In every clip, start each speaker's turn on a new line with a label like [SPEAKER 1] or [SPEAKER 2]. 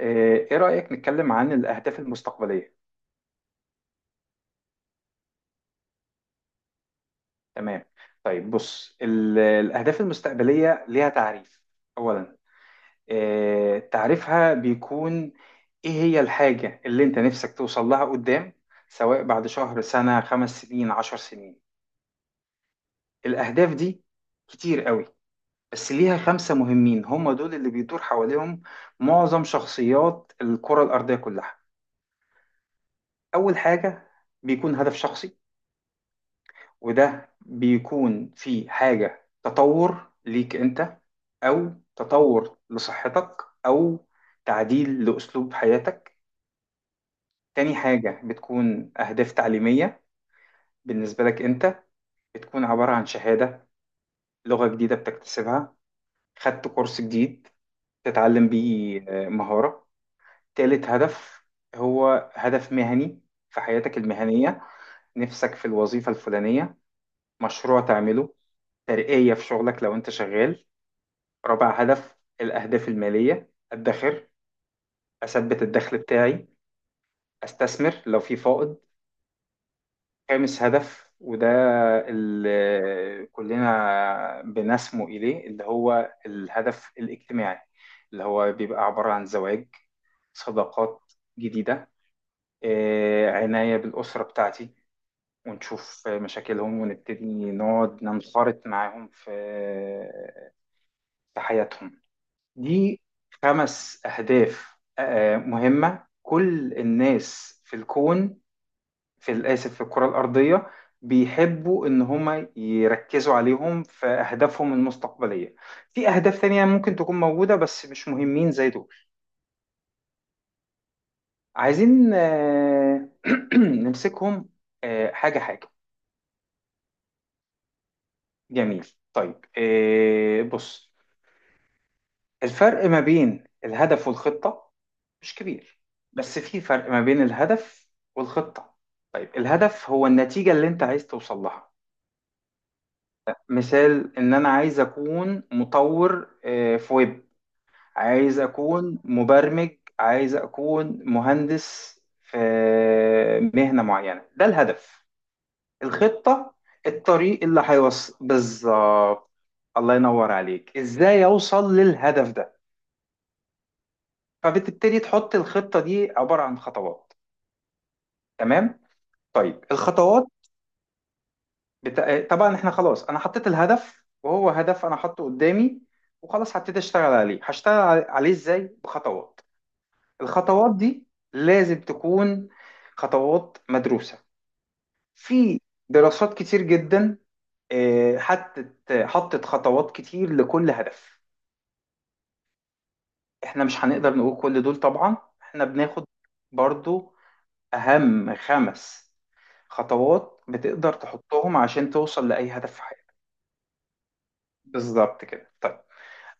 [SPEAKER 1] ايه رأيك نتكلم عن الأهداف المستقبلية؟ تمام. طيب بص، الأهداف المستقبلية ليها تعريف. أولا، إيه تعريفها؟ بيكون ايه هي الحاجة اللي انت نفسك توصل لها قدام، سواء بعد شهر، سنة، 5 سنين، 10 سنين. الأهداف دي كتير قوي، بس ليها خمسة مهمين، هم دول اللي بيدور حواليهم معظم شخصيات الكرة الأرضية كلها. أول حاجة بيكون هدف شخصي، وده بيكون في حاجة تطور ليك انت، او تطور لصحتك، او تعديل لأسلوب حياتك. تاني حاجة بتكون أهداف تعليمية بالنسبة لك انت، بتكون عبارة عن شهادة، لغة جديدة بتكتسبها، خدت كورس جديد تتعلم بيه مهارة. تالت هدف هو هدف مهني في حياتك المهنية، نفسك في الوظيفة الفلانية، مشروع تعمله، ترقية في شغلك لو انت شغال. رابع هدف الأهداف المالية، أدخر، أثبت الدخل بتاعي، أستثمر لو في فائض. خامس هدف وده اللي كلنا بنسمو إليه اللي هو الهدف الاجتماعي، اللي هو بيبقى عبارة عن زواج، صداقات جديدة، عناية بالأسرة بتاعتي، ونشوف مشاكلهم ونبتدي نقعد ننخرط معاهم في حياتهم. دي خمس أهداف مهمة كل الناس في الكون، في الآسف في الكرة الأرضية، بيحبوا إن هما يركزوا عليهم في أهدافهم المستقبلية. في أهداف تانية ممكن تكون موجودة بس مش مهمين زي دول. عايزين نمسكهم حاجة حاجة. جميل. طيب، بص، الفرق ما بين الهدف والخطة مش كبير، بس في فرق ما بين الهدف والخطة. الهدف هو النتيجة اللي انت عايز توصل لها. مثال، ان انا عايز اكون مطور في ويب، عايز اكون مبرمج، عايز اكون مهندس في مهنة معينة. ده الهدف. الخطة الطريق اللي هيوصل بالظبط. الله ينور عليك، ازاي اوصل للهدف ده. فبتبتدي تحط الخطة، دي عبارة عن خطوات. تمام. طيب الخطوات، طبعا احنا خلاص انا حطيت الهدف وهو هدف انا حاطه قدامي. وخلاص هبتدي اشتغل عليه، هشتغل عليه ازاي، بخطوات. الخطوات دي لازم تكون خطوات مدروسة. في دراسات كتير جدا، حطت خطوات كتير لكل هدف. احنا مش هنقدر نقول كل دول طبعا. احنا بناخد برضو اهم خمس خطوات بتقدر تحطهم عشان توصل لأي هدف في حياتك. بالظبط كده. طيب،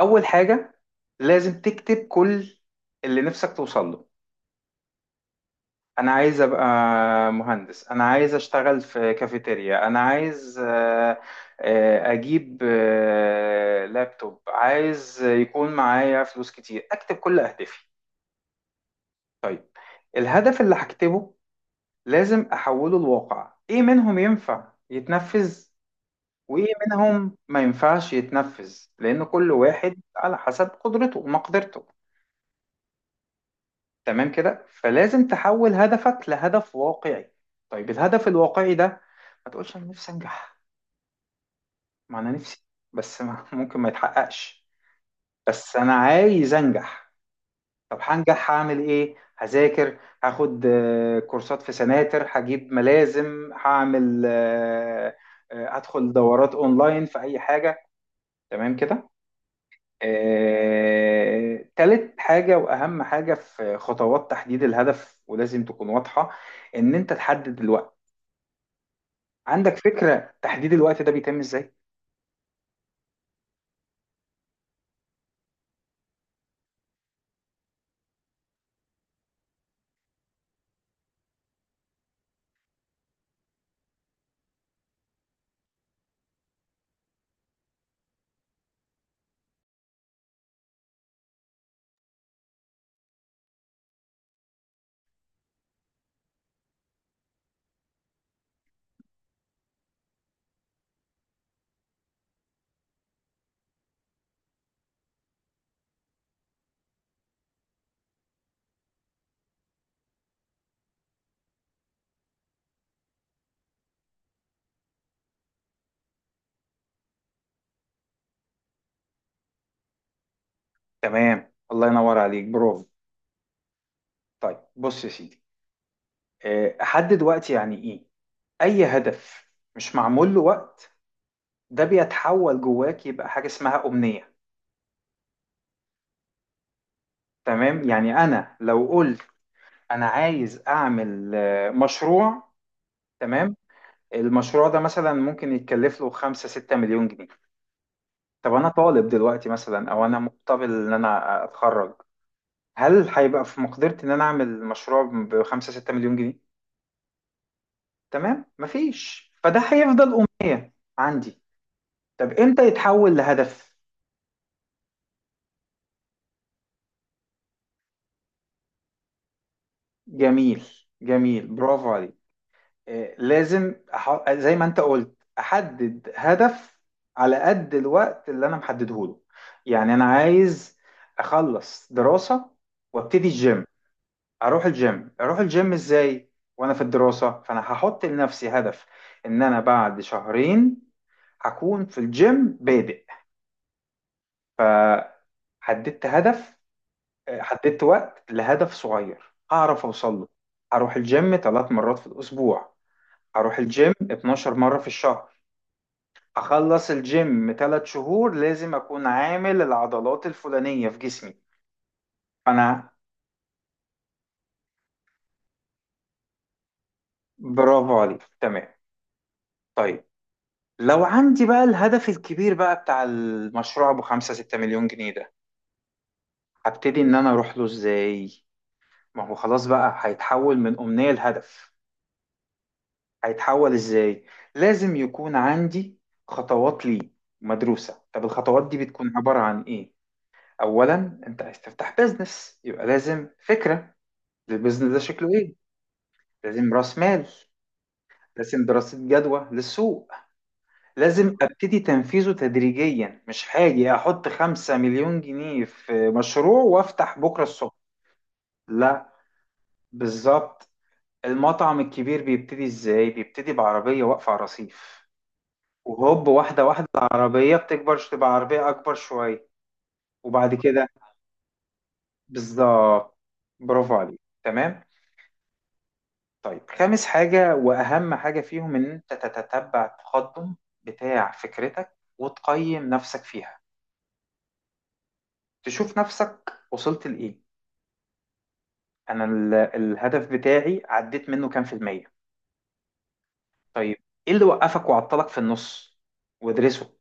[SPEAKER 1] اول حاجه لازم تكتب كل اللي نفسك توصل له. انا عايز ابقى مهندس، انا عايز اشتغل في كافيتيريا، انا عايز اجيب لابتوب، عايز يكون معايا فلوس كتير. اكتب كل اهدافي. طيب الهدف اللي هكتبه لازم احوله لواقع، ايه منهم ينفع يتنفذ وايه منهم ما ينفعش يتنفذ، لان كل واحد على حسب قدرته ومقدرته. تمام كده. فلازم تحول هدفك لهدف واقعي. طيب الهدف الواقعي ده، ما تقولش انا نفسي انجح. ما انا نفسي، بس ما ممكن ما يتحققش. بس انا عايز انجح. طب هنجح هعمل ايه؟ هذاكر، هاخد كورسات في سناتر، هجيب ملازم، هعمل هدخل دورات اونلاين في اي حاجة. تمام كده. تالت حاجة وأهم حاجة في خطوات تحديد الهدف، ولازم تكون واضحة، إن أنت تحدد الوقت. عندك فكرة تحديد الوقت ده بيتم إزاي؟ تمام الله ينور عليك، برافو. طيب بص يا سيدي، أحدد وقت يعني إيه؟ أي هدف مش معمول له وقت ده بيتحول جواك يبقى حاجة اسمها أمنية. تمام. يعني أنا لو قلت أنا عايز أعمل مشروع، تمام، المشروع ده مثلا ممكن يتكلف له 5 6 مليون جنيه. طب انا طالب دلوقتي مثلا او انا مقتبل ان انا اتخرج، هل هيبقى في مقدرتي ان انا اعمل مشروع ب 5 6 مليون جنيه؟ تمام، مفيش. فده هيفضل أم عندي. طب امتى يتحول لهدف؟ جميل جميل برافو عليك. لازم زي ما انت قلت احدد هدف على قد الوقت اللي انا محدده له. يعني انا عايز اخلص دراسة وابتدي الجيم، اروح الجيم. اروح الجيم ازاي وانا في الدراسة؟ فانا هحط لنفسي هدف ان انا بعد شهرين هكون في الجيم بادئ. حددت هدف، حددت وقت لهدف صغير هعرف اوصل له. هروح الجيم ثلاث مرات في الاسبوع، هروح الجيم 12 مرة في الشهر. هخلص الجيم 3 شهور لازم اكون عامل العضلات الفلانية في جسمي انا. برافو عليك تمام. طيب لو عندي بقى الهدف الكبير بقى بتاع المشروع ابو 5 6 مليون جنيه ده، هبتدي ان انا اروح له ازاي؟ ما هو خلاص بقى هيتحول من امنية لهدف. هيتحول ازاي؟ لازم يكون عندي خطوات ليه مدروسة. طب الخطوات دي بتكون عبارة عن ايه؟ اولا، انت عايز تفتح بيزنس، يبقى لازم فكرة للبيزنس ده، شكله ايه. لازم راس مال، لازم دراسة جدوى للسوق، لازم ابتدي تنفيذه تدريجيا. مش هاجي احط 5 مليون جنيه في مشروع وافتح بكرة الصبح. لا، بالظبط. المطعم الكبير بيبتدي ازاي؟ بيبتدي بعربية واقفة على رصيف، وهوب واحدة واحدة العربية بتكبر تبقى عربية اكبر شوية. وبعد كده بالظبط. برافو عليك تمام. طيب خامس حاجة واهم حاجة فيهم، ان انت تتتبع التقدم بتاع فكرتك وتقيم نفسك فيها. تشوف نفسك وصلت لإيه. انا الهدف بتاعي عديت منه كام في المية. طيب، ايه اللي وقفك وعطلك في النص، وادرسه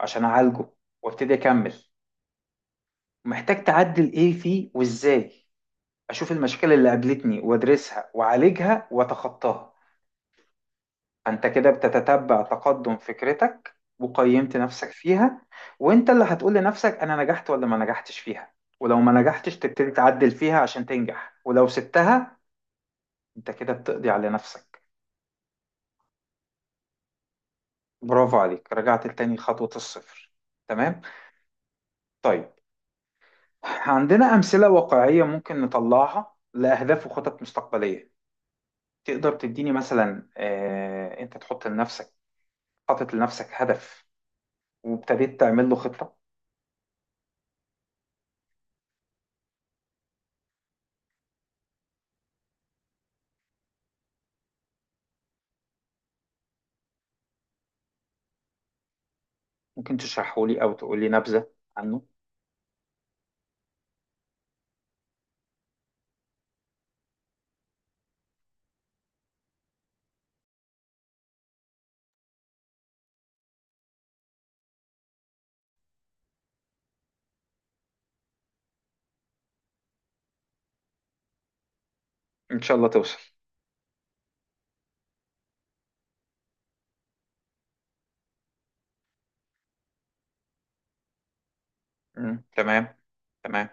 [SPEAKER 1] عشان اعالجه وابتدي اكمل. محتاج تعدل ايه فيه وازاي. اشوف المشكلة اللي قابلتني وادرسها واعالجها واتخطاها. انت كده بتتتبع تقدم فكرتك وقيمت نفسك فيها، وانت اللي هتقول لنفسك انا نجحت ولا ما نجحتش فيها. ولو ما نجحتش تبتدي تعدل فيها عشان تنجح، ولو سبتها انت كده بتقضي على نفسك. برافو عليك، رجعت لتاني خطوة الصفر. تمام. طيب، عندنا أمثلة واقعية ممكن نطلعها لأهداف وخطط مستقبلية. تقدر تديني مثلا أنت تحط لنفسك، حاطط لنفسك هدف وابتديت تعمل له خطة؟ ممكن تشرحه لي أو تقول لي نبذة عنه. إن شاء الله توصل. مم. تمام. تمام.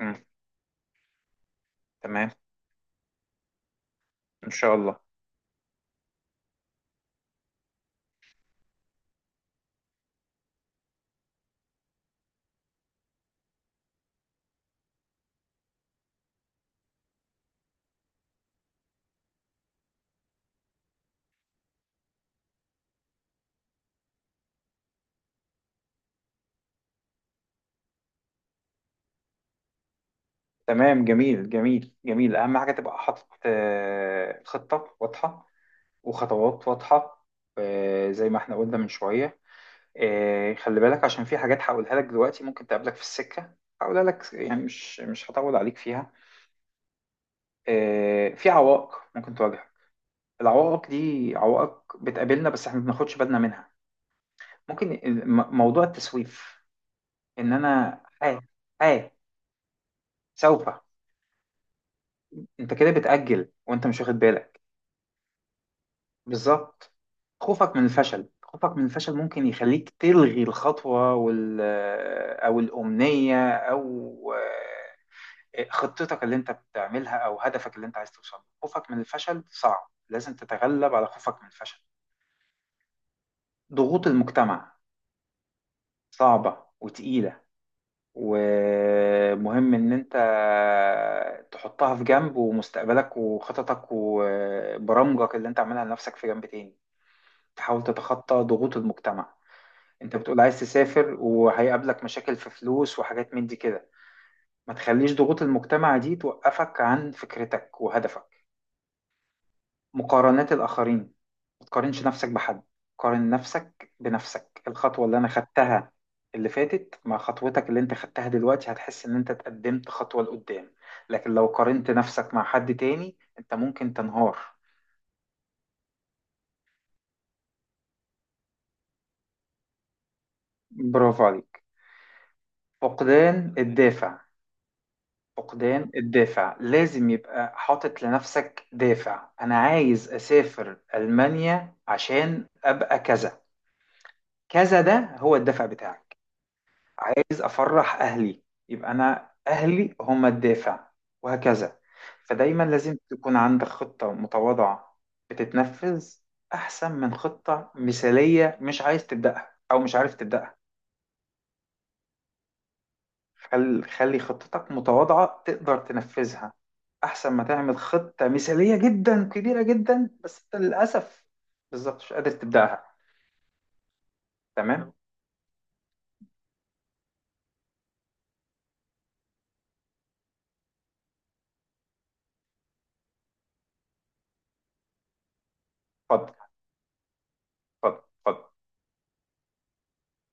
[SPEAKER 1] مم. تمام. إن شاء الله. تمام، جميل جميل جميل. أهم حاجة تبقى حاطط خطة واضحة وخطوات واضحة. زي ما احنا قلنا من شوية. خلي بالك عشان في حاجات هقولها لك دلوقتي ممكن تقابلك في السكة. هقولها لك يعني مش هطول عليك فيها. في عوائق ممكن تواجهك. العوائق دي عوائق بتقابلنا بس احنا ما بناخدش بالنا منها. ممكن موضوع التسويف، ان انا اه سوف، انت كده بتأجل وانت مش واخد بالك. بالظبط. خوفك من الفشل، خوفك من الفشل ممكن يخليك تلغي الخطوة وال، أو الأمنية، أو خطتك اللي أنت بتعملها، أو هدفك اللي أنت عايز توصل له. خوفك من الفشل صعب، لازم تتغلب على خوفك من الفشل. ضغوط المجتمع صعبة وتقيلة، ومهم إن أنت تحطها في جنب، ومستقبلك وخططك وبرامجك اللي أنت عاملها لنفسك في جنب تاني. تحاول تتخطى ضغوط المجتمع. انت بتقول عايز تسافر وهيقابلك مشاكل في فلوس وحاجات من دي كده، ما تخليش ضغوط المجتمع دي توقفك عن فكرتك وهدفك. مقارنات الآخرين، ما تقارنش نفسك بحد، قارن نفسك بنفسك. الخطوة اللي انا خدتها اللي فاتت مع خطوتك اللي انت خدتها دلوقتي، هتحس ان انت اتقدمت خطوة لقدام. لكن لو قارنت نفسك مع حد تاني، انت ممكن تنهار. برافو عليك. فقدان الدافع، فقدان الدافع لازم يبقى حاطط لنفسك دافع. انا عايز اسافر المانيا عشان ابقى كذا كذا، ده هو الدافع بتاعك. عايز افرح اهلي، يبقى انا اهلي هم الدافع. وهكذا. فدايما لازم تكون عندك خطة متواضعة بتتنفذ، احسن من خطة مثالية مش عايز تبدأها او مش عارف تبدأها. خلي خطتك متواضعة تقدر تنفذها، أحسن ما تعمل خطة مثالية جدا كبيرة جدا بس أنت للأسف بالظبط مش قادر تبدأها. تمام؟ اتفضل، اتفضل اتفضل.